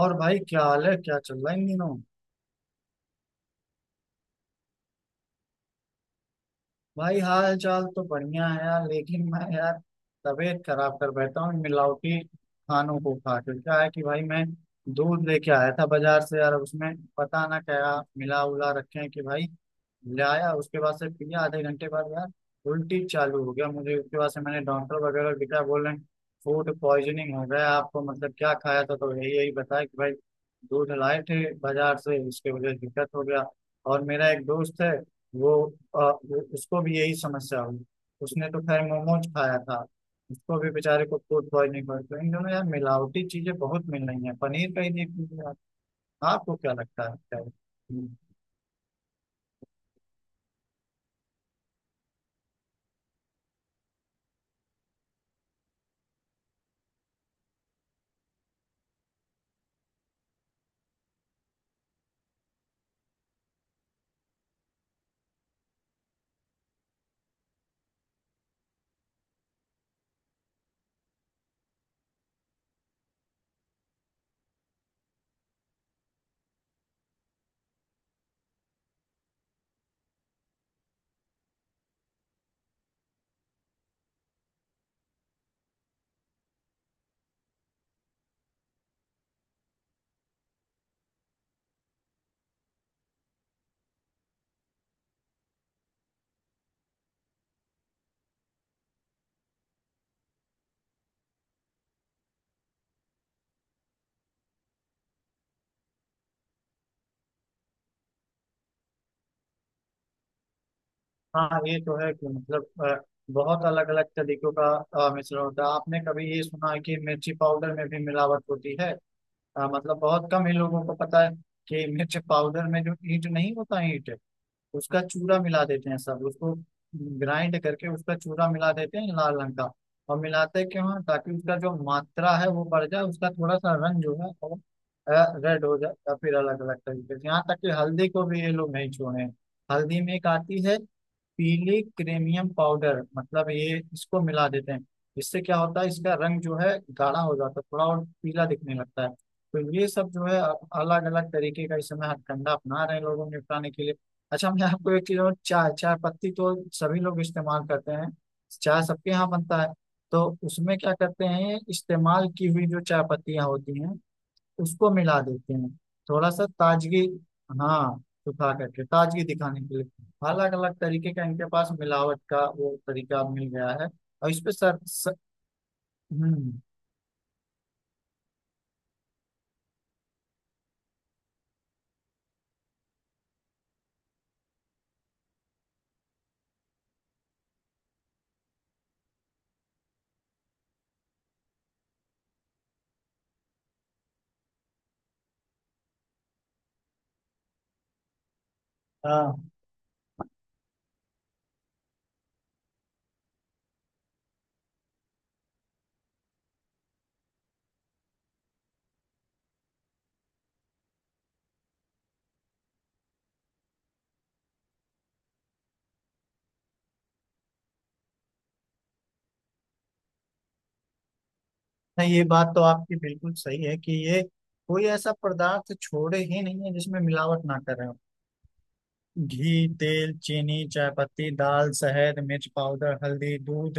और भाई, क्या हाल है? क्या चल रहा है इन दिनों? भाई, हाल चाल तो बढ़िया है यार, लेकिन मैं यार तबीयत खराब कर बैठा हूँ इन मिलावटी खानों को खा के। क्या है कि भाई, मैं दूध लेके आया था बाजार से यार, उसमें पता ना क्या मिला उला रखे हैं। कि भाई, लाया, उसके बाद से पिया, आधे घंटे बाद यार उल्टी चालू हो गया मुझे। उसके बाद से मैंने डॉक्टर वगैरह को दिखाया, बोल रहे हैं फूड पॉइजनिंग हो गया आपको। मतलब क्या खाया था, तो यही यही बताया कि भाई दूध लाए थे बाजार से, उसके वजह से दिक्कत हो गया। और मेरा एक दोस्त है, वो, वो उसको भी यही समस्या हुई। उसने तो खैर मोमोज खाया था। उसको भी बेचारे को फूड पॉइजनिंग हो गई। तो इन दोनों यार मिलावटी चीजें बहुत मिल रही हैं, पनीर का ही देख लीजिए आप। आपको क्या लगता है, क्या है? हाँ, ये तो है कि बहुत अलग अलग तरीकों का मिश्रण होता है। आपने कभी ये सुना है कि मिर्ची पाउडर में भी मिलावट होती है? मतलब बहुत कम ही लोगों को पता है कि मिर्च पाउडर में जो ईंट नहीं होता, ईंट उसका चूरा मिला देते हैं। सब उसको ग्राइंड करके उसका चूरा मिला देते हैं लाल रंग का। और मिलाते क्यों हैं? ताकि उसका जो मात्रा है वो बढ़ जाए, उसका थोड़ा सा रंग जो है वो रेड हो जाए, या फिर अलग अलग तरीके से। यहाँ तक कि हल्दी को भी ये लोग नहीं छोड़े हैं। हल्दी में एक आती है पीली क्रेमियम पाउडर, मतलब ये इसको मिला देते हैं। इससे क्या होता है, इसका रंग जो है गाढ़ा हो जाता है, थोड़ा और पीला दिखने लगता है। तो ये सब जो है अलग अलग तरीके का इस समय हथकंडा अपना रहे हैं लोगों को निपटाने के लिए। अच्छा, मैं आपको एक चीज और, चाय चाय पत्ती तो सभी लोग इस्तेमाल करते हैं, चाय सबके यहाँ बनता है। तो उसमें क्या करते हैं, इस्तेमाल की हुई जो चाय पत्तियाँ होती हैं उसको मिला देते हैं थोड़ा सा ताजगी। हाँ, सुखा करके ताजगी दिखाने के लिए। अलग अलग तरीके का इनके पास मिलावट का वो तरीका मिल गया है। और इस पे सर, सर। हम्म। हाँ। नहीं, ये बात तो आपकी बिल्कुल सही है कि ये कोई ऐसा पदार्थ छोड़े ही नहीं है जिसमें मिलावट ना करें। घी, तेल, चीनी, चायपत्ती, दाल, शहद, मिर्च पाउडर, हल्दी, दूध,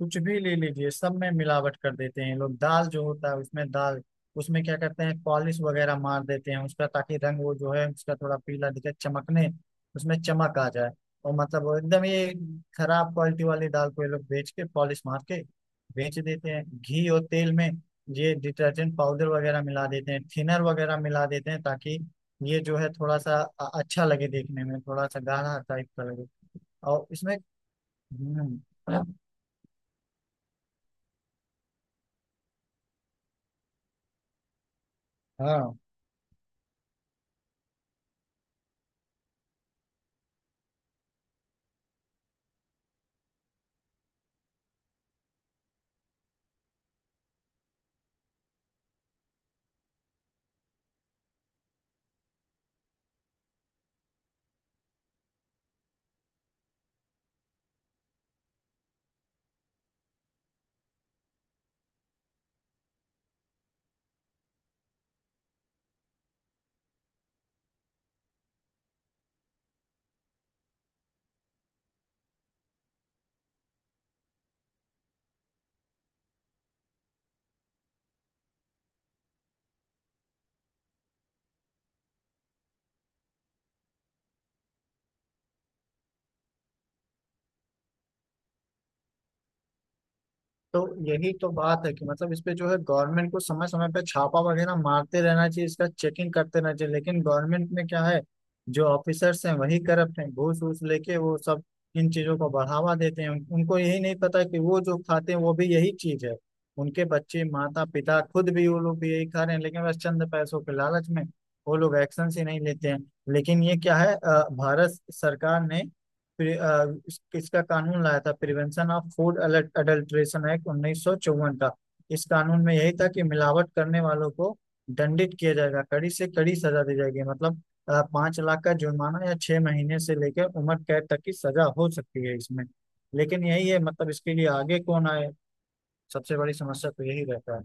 कुछ भी ले लीजिए, सब में मिलावट कर देते हैं लोग। दाल जो होता है, उसमें दाल उसमें क्या करते हैं पॉलिश वगैरह मार देते हैं उसका, ताकि रंग वो जो है उसका थोड़ा पीला दिखे, चमकने उसमें चमक आ जाए। और मतलब वो एकदम ये खराब क्वालिटी वाली दाल को ये लोग बेच के पॉलिश मार के बेच देते हैं। घी और तेल में ये डिटर्जेंट पाउडर वगैरह मिला देते हैं, थिनर वगैरह मिला देते हैं, ताकि ये जो है थोड़ा सा अच्छा लगे देखने में, थोड़ा सा गाढ़ा टाइप का लगे। और इसमें हम्म, हाँ, तो यही तो बात है कि मतलब इस पे जो है गवर्नमेंट को समय समय पे छापा वगैरह मारते रहना चाहिए, इसका चेकिंग करते रहना चाहिए। लेकिन गवर्नमेंट में क्या है, जो ऑफिसर्स हैं वही करप्ट हैं, घूस वूस लेके वो सब इन चीजों को बढ़ावा देते हैं। उनको यही नहीं पता कि वो जो खाते हैं वो भी यही चीज है, उनके बच्चे, माता पिता खुद भी, वो लोग भी यही खा रहे हैं, लेकिन बस चंद पैसों के लालच में वो लोग एक्शन ही नहीं लेते हैं। लेकिन ये क्या है, भारत सरकार ने फिर किसका कानून लाया था? Prevention of food adulteration act 1954 का। इस कानून में यही था कि मिलावट करने वालों को दंडित किया जाएगा, कड़ी से कड़ी सजा दी जाएगी। मतलब 5 लाख का जुर्माना या 6 महीने से लेकर उम्र कैद तक की सजा हो सकती है इसमें। लेकिन यही है, मतलब इसके लिए आगे कौन आए, सबसे बड़ी समस्या तो यही रहता है।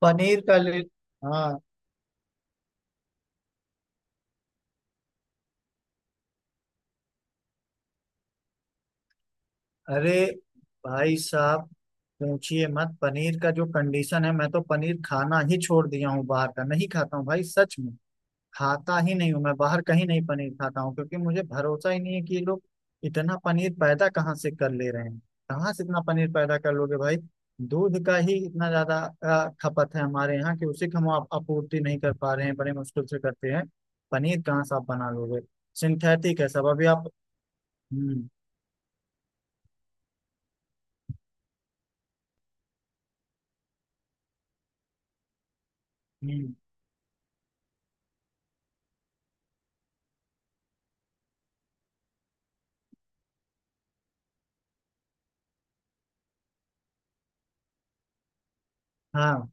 पनीर का ले, हाँ। अरे भाई साहब, पूछिए मत। पनीर का जो कंडीशन है, मैं तो पनीर खाना ही छोड़ दिया हूँ, बाहर का नहीं खाता हूँ भाई, सच में खाता ही नहीं हूँ मैं, बाहर कहीं नहीं पनीर खाता हूँ, क्योंकि मुझे भरोसा ही नहीं है कि ये लोग इतना पनीर पैदा कहाँ से कर ले रहे हैं। कहाँ से इतना पनीर पैदा कर लोगे भाई? दूध का ही इतना ज्यादा खपत है हमारे यहाँ कि उसी का हम आपूर्ति नहीं कर पा रहे हैं, बड़े मुश्किल से करते हैं, पनीर कहाँ से आप बना लोगे? सिंथेटिक है सब अभी आप। हम्म। हम्म। हाँ।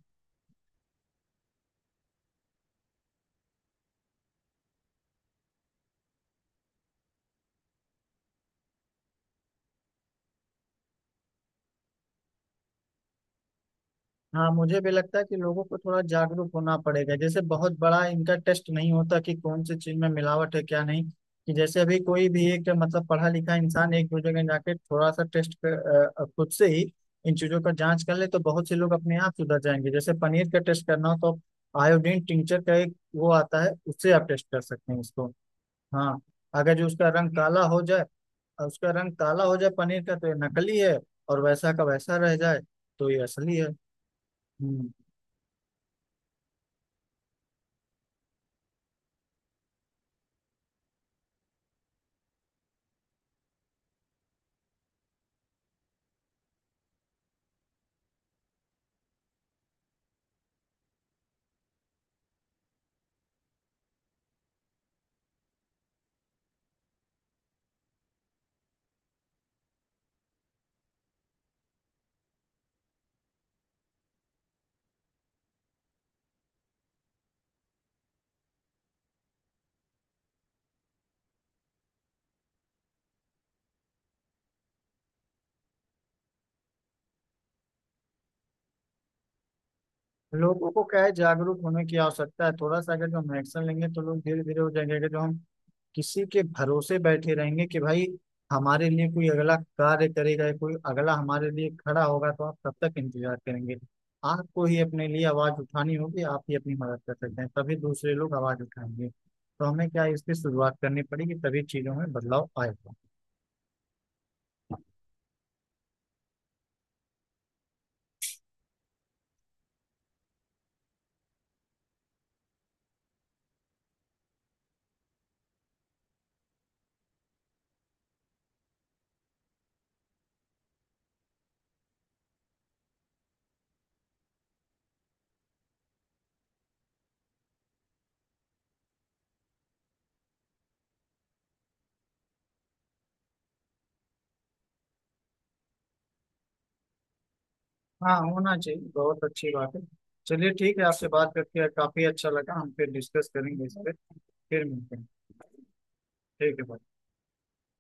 हाँ, मुझे भी लगता है कि लोगों को थोड़ा जागरूक होना पड़ेगा। जैसे बहुत बड़ा इनका टेस्ट नहीं होता कि कौन सी चीज में मिलावट है, क्या नहीं। कि जैसे अभी कोई भी एक मतलब पढ़ा लिखा इंसान एक दो जगह जाके थोड़ा सा खुद से ही इन चीजों का जांच कर ले, तो बहुत से लोग अपने आप सुधर जाएंगे। जैसे पनीर का टेस्ट करना हो तो आयोडीन टिंचर का एक वो आता है, उससे आप टेस्ट कर सकते हैं उसको। हाँ, अगर जो उसका रंग काला हो जाए, उसका रंग काला हो जाए पनीर का, तो ये नकली है, और वैसा का वैसा रह जाए तो ये असली है। हम्म। लोगों को क्या है, जागरूक होने की आवश्यकता है, थोड़ा सा अगर जो हम एक्शन लेंगे तो लोग धीरे धीरे हो जाएंगे। अगर जो हम किसी के भरोसे बैठे रहेंगे कि भाई हमारे लिए कोई अगला कार्य करेगा, या कोई अगला हमारे लिए खड़ा होगा, तो आप कब तक इंतजार करेंगे? आपको ही अपने लिए आवाज उठानी होगी, आप ही अपनी मदद कर सकते हैं, तभी दूसरे लोग आवाज उठाएंगे, तो हमें क्या है, इसकी शुरुआत करनी पड़ेगी, तभी चीजों में बदलाव आएगा। हाँ, होना चाहिए, बहुत अच्छी बात है। चलिए ठीक है, आपसे बात करके काफी अच्छा लगा, हम फिर डिस्कस करेंगे इस पर, फिर मिलते हैं। ठीक है भाई।